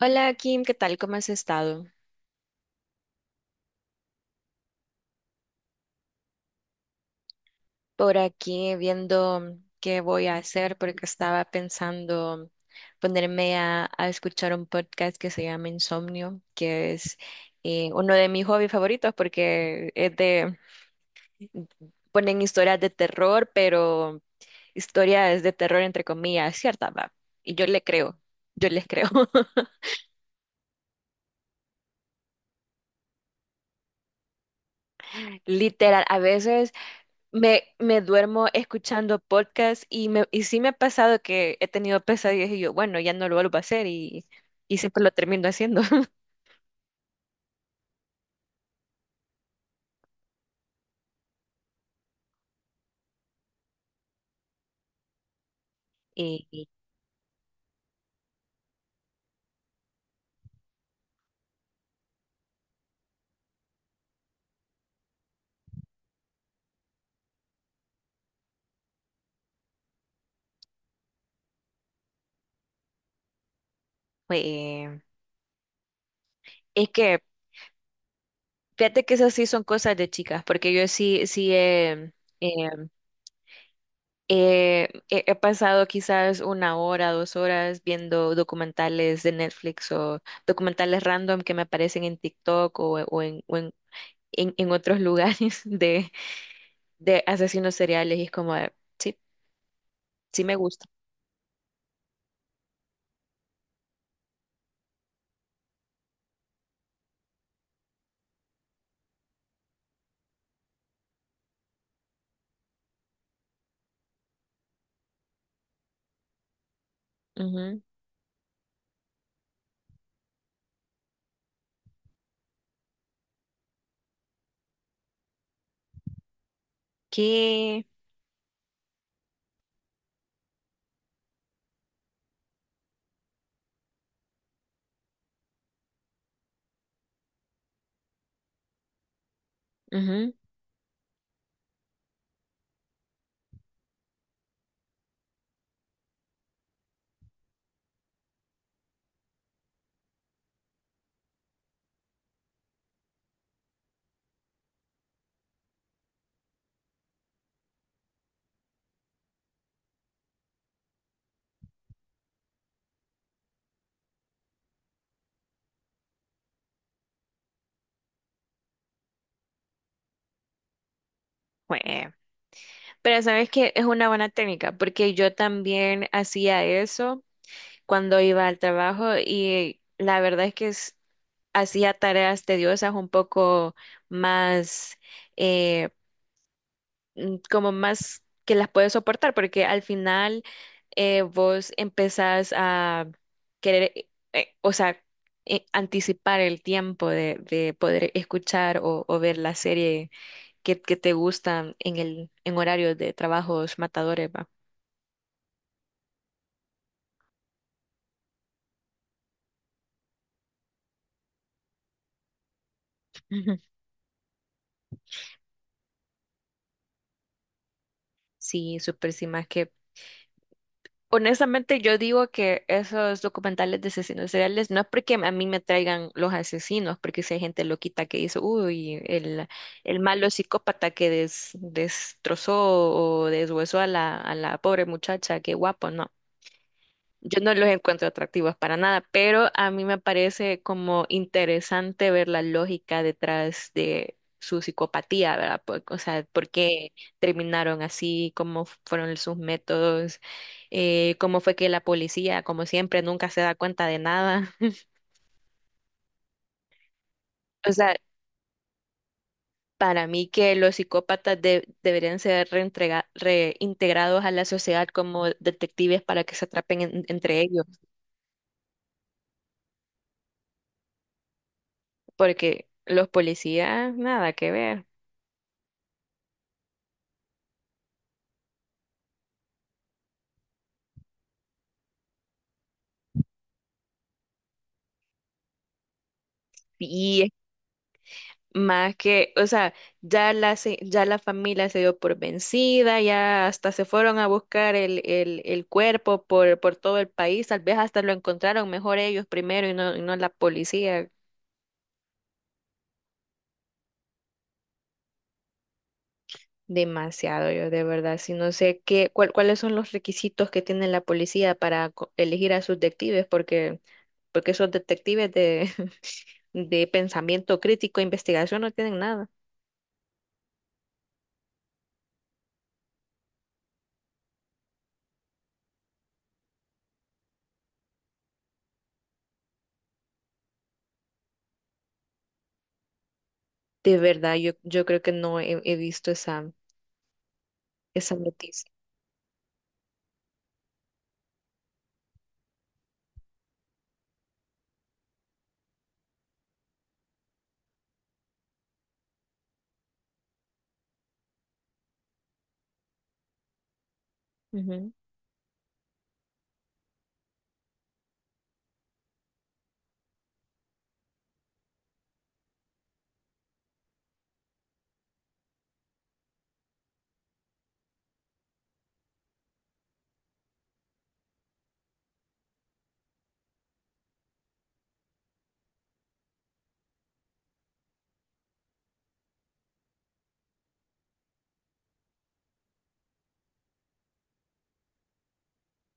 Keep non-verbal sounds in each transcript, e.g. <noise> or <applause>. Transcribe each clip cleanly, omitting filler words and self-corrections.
Hola Kim, ¿qué tal? ¿Cómo has estado? Por aquí viendo qué voy a hacer porque estaba pensando ponerme a escuchar un podcast que se llama Insomnio, que es uno de mis hobbies favoritos porque es de, ponen historias de terror, pero historias de terror entre comillas, ¿cierta, va? Y yo le creo, yo les creo. <laughs> Literal, a veces. Me duermo escuchando podcast y, me, y sí me ha pasado que he tenido pesadillas y yo, bueno, ya no lo vuelvo a hacer y siempre lo termino haciendo. <laughs> Y, y, eh, es que, fíjate que esas sí son cosas de chicas, porque yo sí, eh, he pasado quizás una hora, dos horas viendo documentales de Netflix o documentales random que me aparecen en TikTok o en otros lugares <laughs> de asesinos seriales y es como. Sí me gusta. Ujú. Qué, ujú, jue. Pero sabes que es una buena técnica, porque yo también hacía eso cuando iba al trabajo y la verdad es que hacía tareas tediosas un poco más, eh, como más que las puedes soportar, porque al final vos empezás a querer, o sea, anticipar el tiempo de poder escuchar o ver la serie que te gustan en el, en horarios de trabajos matadores, va. Ujú. Sí, súper sí, más que honestamente yo digo que esos documentales de asesinos seriales no es porque a mí me traigan los asesinos, porque si hay gente loquita que dice, uy, el malo psicópata que destrozó o deshuesó a la pobre muchacha, qué guapo, no. Yo no los encuentro atractivos para nada, pero a mí me parece como interesante ver la lógica detrás de su psicopatía, ¿verdad? O sea, por qué terminaron así, cómo fueron sus métodos, cómo fue que la policía, como siempre, nunca se da cuenta de nada. <laughs> O sea, para mí que los psicópatas deberían ser reintegrados a la sociedad como detectives para que se atrapen entre ellos, porque los policías, nada que ver. Y más que, o sea, ya la, ya la familia se dio por vencida, ya hasta se fueron a buscar el cuerpo por todo el país, tal vez hasta lo encontraron mejor ellos primero y no la policía. Demasiado, yo de verdad, si no sé qué, cuáles son los requisitos que tiene la policía para elegir a sus detectives, porque, porque esos detectives de, <laughs> de pensamiento crítico, investigación, no tienen nada. De verdad, yo creo que no he visto esa, esa noticia.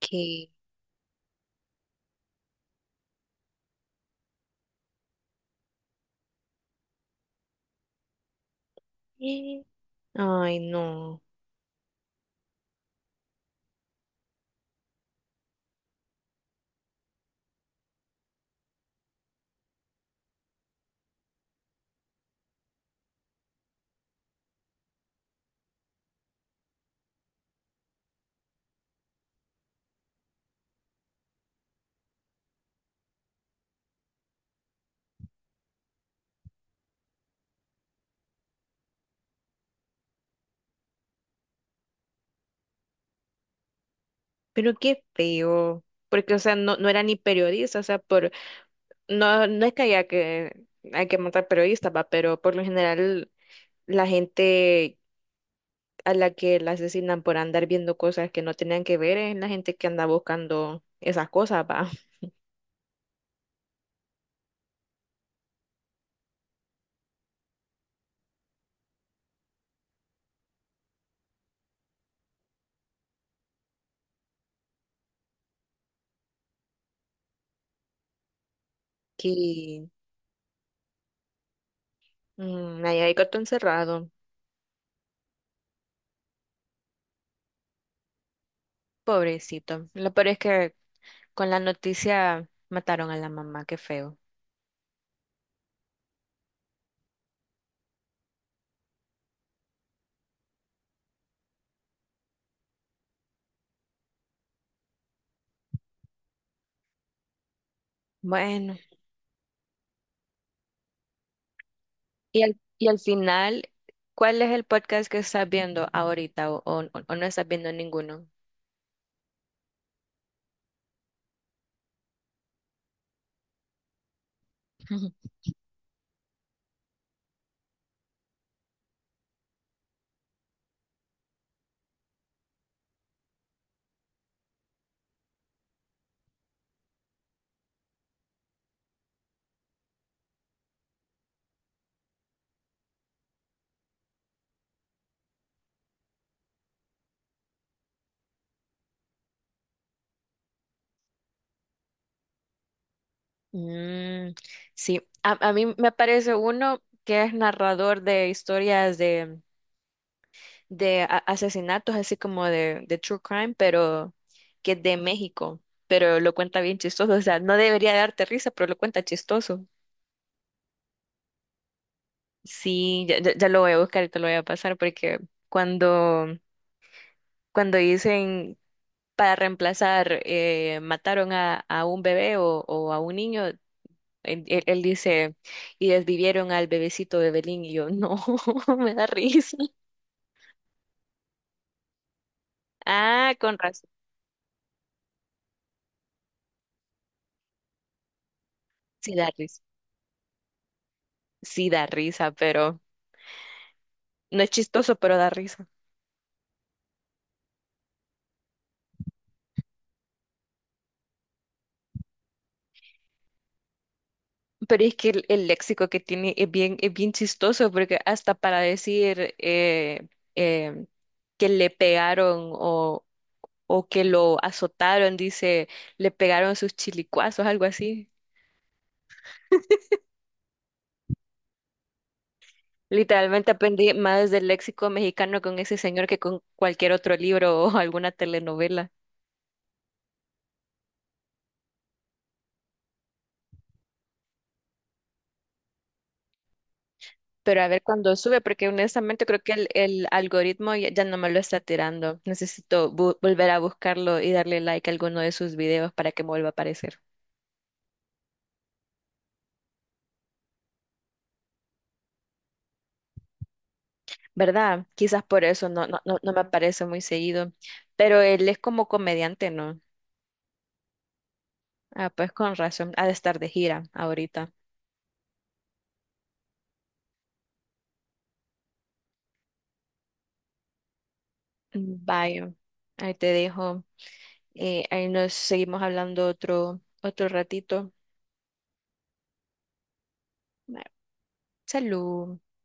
¿Qué? Eh, Ay, no, pero qué feo. Porque, o sea, no, no era ni periodista, o sea, por, no, no es que haya que, hay que matar periodistas, va, pero por lo general la gente a la que la asesinan por andar viendo cosas que no tenían que ver es la gente que anda buscando esas cosas, va. <laughs> Que mm, ahí hay gato encerrado, pobrecito. Lo peor es que con la noticia mataron a la mamá, qué feo. Bueno. Y al final, ¿cuál es el podcast que estás viendo ahorita o o no estás viendo ninguno? <laughs> Mm, sí, a mí me parece uno que es narrador de historias de asesinatos, así como de true crime, pero que es de México, pero lo cuenta bien chistoso, o sea, no debería darte risa, pero lo cuenta chistoso. Sí, ya, ya lo voy a buscar y te lo voy a pasar porque cuando, cuando dicen para reemplazar, mataron a un bebé o a un niño, él, él dice, y desvivieron al bebecito de Belín, y yo, no, <laughs> me da risa. Ah, con razón, sí da risa, sí da risa, pero no es chistoso, pero da risa. Pero es que el léxico que tiene es bien chistoso, porque hasta para decir eh, que le pegaron o que lo azotaron, dice, le pegaron sus chilicuazos, algo así. Literalmente aprendí más del léxico mexicano con ese señor que con cualquier otro libro <laughs> o alguna telenovela. Pero a ver cuándo sube, porque honestamente creo que el algoritmo ya, ya no me lo está tirando. Necesito volver a buscarlo y darle like a alguno de sus videos para que me vuelva a aparecer. ¿Verdad? Quizás por eso no, no, no, no me aparece muy seguido. Pero él es como comediante, ¿no? Ah, pues con razón. Ha de estar de gira ahorita. Vaya, ahí te dejo. Ahí nos seguimos hablando otro, otro ratito. Bueno, salud.